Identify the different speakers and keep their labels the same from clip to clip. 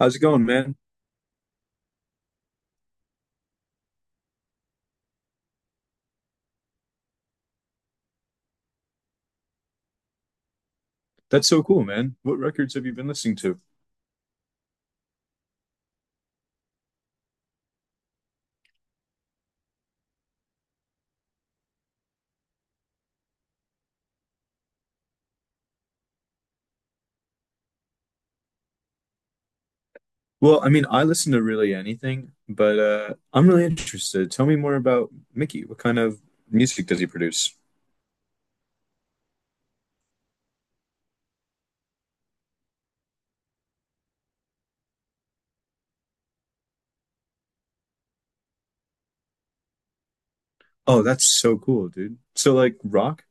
Speaker 1: How's it going, man? That's so cool, man. What records have you been listening to? Well, I mean, I listen to really anything, but I'm really interested. Tell me more about Mickey. What kind of music does he produce? Oh, that's so cool, dude. So, like, rock?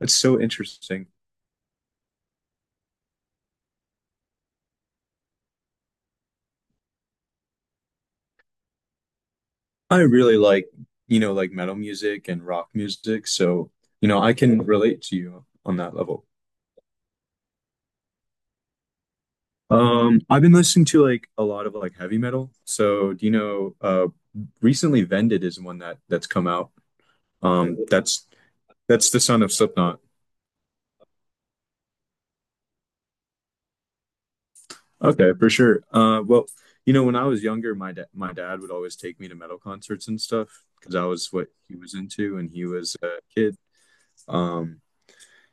Speaker 1: That's so interesting. I really like, you know, like metal music and rock music. So, you know, I can relate to you on that level. I've been listening to like a lot of like heavy metal. So, do you know, recently Vended is one that's come out. Um, that's That's the son of Slipknot. Okay, for sure. Well, you know, when I was younger, my dad would always take me to metal concerts and stuff because I was what he was into, and he was a kid. Um,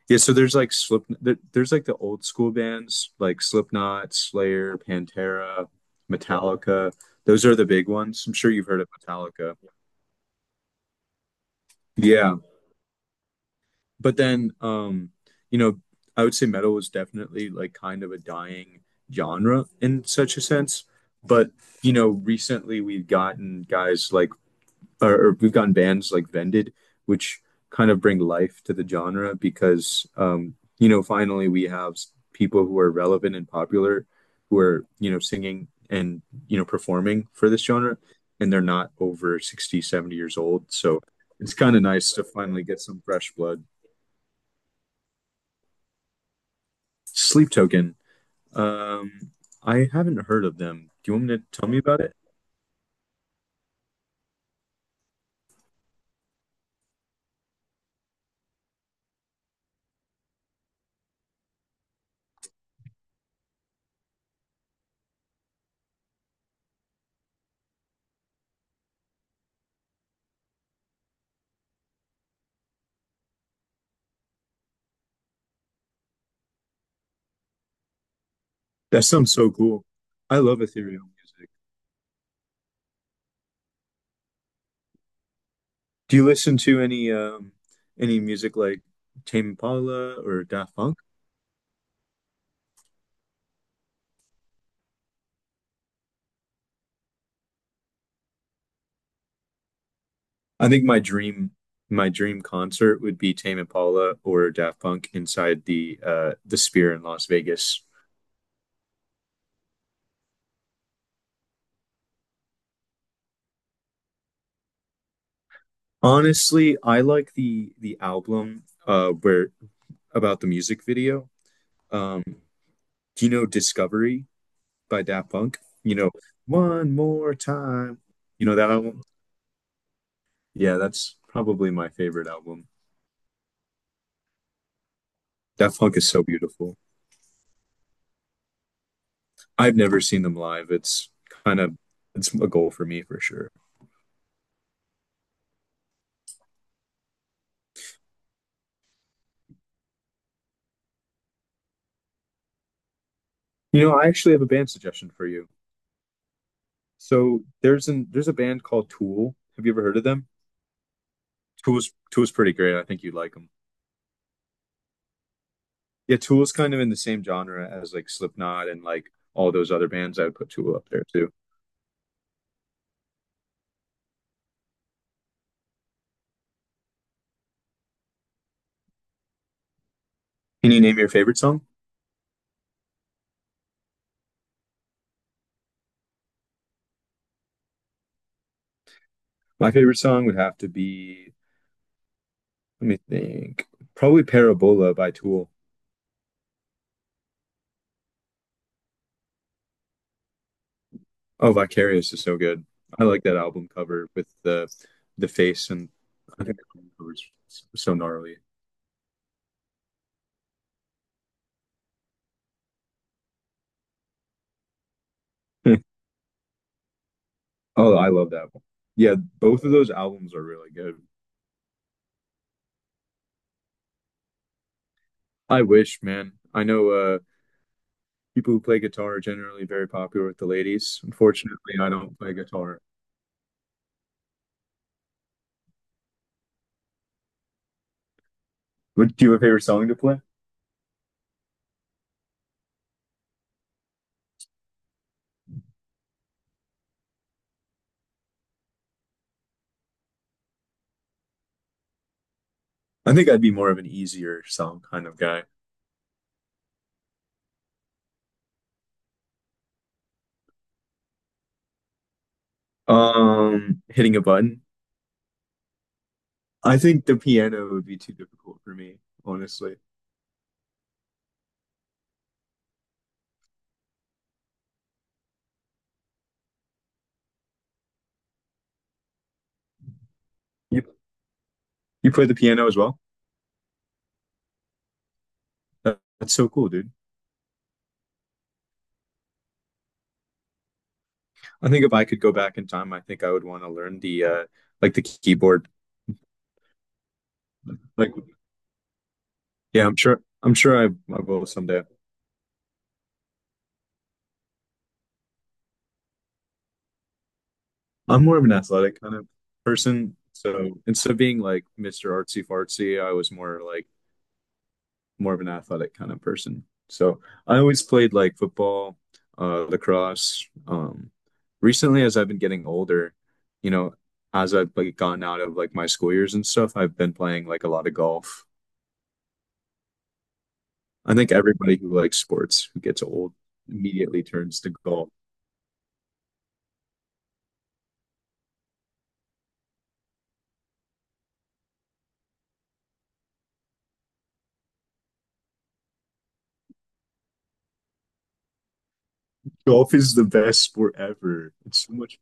Speaker 1: yeah, so there's like there's like the old school bands like Slipknot, Slayer, Pantera, Metallica. Those are the big ones. I'm sure you've heard of Metallica. Yeah. But then, you know, I would say metal was definitely like kind of a dying genre in such a sense. But, you know, recently we've gotten or we've gotten bands like Vended, which kind of bring life to the genre because, you know, finally we have people who are relevant and popular who are, you know, singing and, you know, performing for this genre. And they're not over 60, 70 years old. So it's kind of nice to finally get some fresh blood. Sleep Token. Um, I haven't heard of them. Do you want me to tell me about it? That sounds so cool. I love ethereal music. Do you listen to any any music like Tame Impala or Daft Punk? I think my dream concert would be Tame Impala or Daft Punk inside the Sphere in Las Vegas. Honestly, I like the album where about the music video. Um, do you know Discovery? By Daft Punk. You know, one more time. You know that album? Yeah, that's probably my favorite album. Daft Punk is so beautiful. I've never seen them live. It's kind of, it's a goal for me for sure. You know, I actually have a band suggestion for you. So there's a band called Tool. Have you ever heard of them? Tool's pretty great. I think you'd like them. Yeah, Tool's kind of in the same genre as like Slipknot and like all those other bands. I would put Tool up there too. Can you name your favorite song? My favorite song would have to be, let me think. Probably Parabola by Tool. Oh, Vicarious is so good. I like that album cover with the face and I think the album cover's so gnarly. Oh, I love that one. Yeah, both of those albums are really good. I wish, man. I know people who play guitar are generally very popular with the ladies. Unfortunately, I don't play guitar. What, do you have a favorite song to play? I think I'd be more of an easier song kind of guy. Hitting a button. I think the piano would be too difficult for me, honestly. You you play the piano as well? That's so cool, dude. I think if I could go back in time, I think I would want to learn the like the keyboard. Like yeah, I'm sure I will someday. I'm more of an athletic kind of person, so instead of being like Mr. Artsy Fartsy, I was more like more of an athletic kind of person. So I always played like football, lacrosse. Recently, as I've been getting older, you know, as I've like gone out of like my school years and stuff, I've been playing like a lot of golf. I think everybody who likes sports who gets old immediately turns to golf. Golf is the best sport ever. It's so much.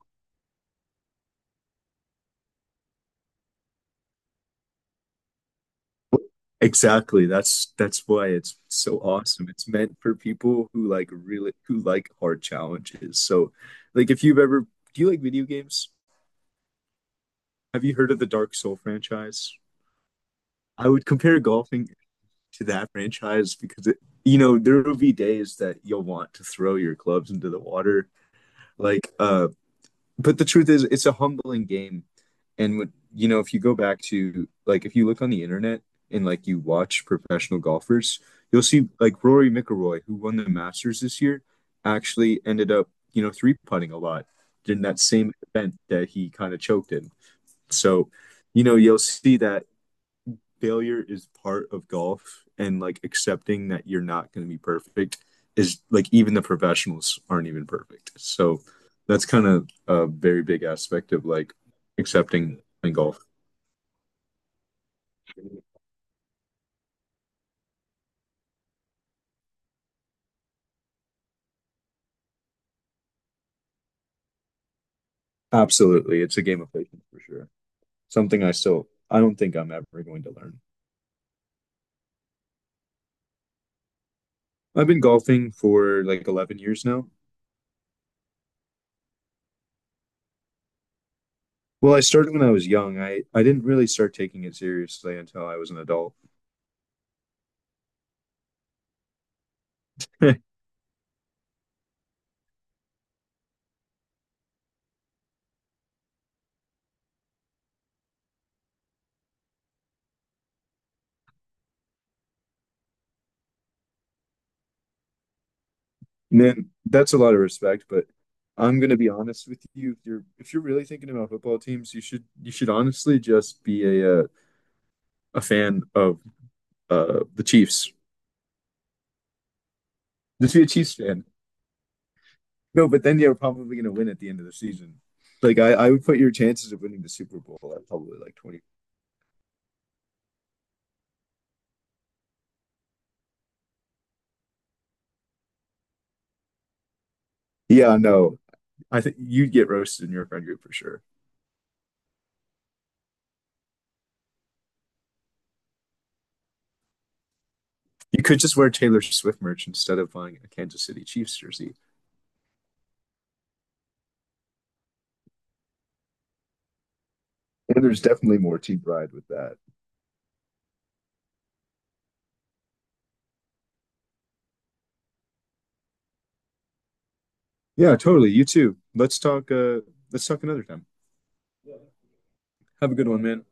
Speaker 1: Exactly. That's why it's so awesome. It's meant for people who like really who like hard challenges. So, like if you've ever, do you like video games? Have you heard of the Dark Soul franchise? I would compare golfing to that franchise because it, you know, there will be days that you'll want to throw your clubs into the water. Like uh but the truth is, it's a humbling game. And when, you know, if you go back to like if you look on the internet and like you watch professional golfers, you'll see like Rory McIlroy, who won the Masters this year, actually ended up, you know, three putting a lot in that same event that he kind of choked in. So, you know, you'll see that failure is part of golf and like accepting that you're not going to be perfect is, like, even the professionals aren't even perfect. So that's kind of a very big aspect of like accepting in golf. Absolutely. It's a game of patience for sure. Something I still, I don't think I'm ever going to learn. I've been golfing for like 11 years now. Well, I started when I was young. I didn't really start taking it seriously until I was an adult. Man, that's a lot of respect, but I'm gonna be honest with you. If you're really thinking about football teams, you should honestly just be a fan of the Chiefs. Just be a Chiefs fan. No, but then you're probably gonna win at the end of the season. I would put your chances of winning the Super Bowl at probably like 20. Yeah, no. I think you'd get roasted in your friend group for sure. You could just wear Taylor Swift merch instead of buying a Kansas City Chiefs jersey. And there's definitely more team pride with that. Yeah, totally. You too. Let's talk another time. Have a good one, man.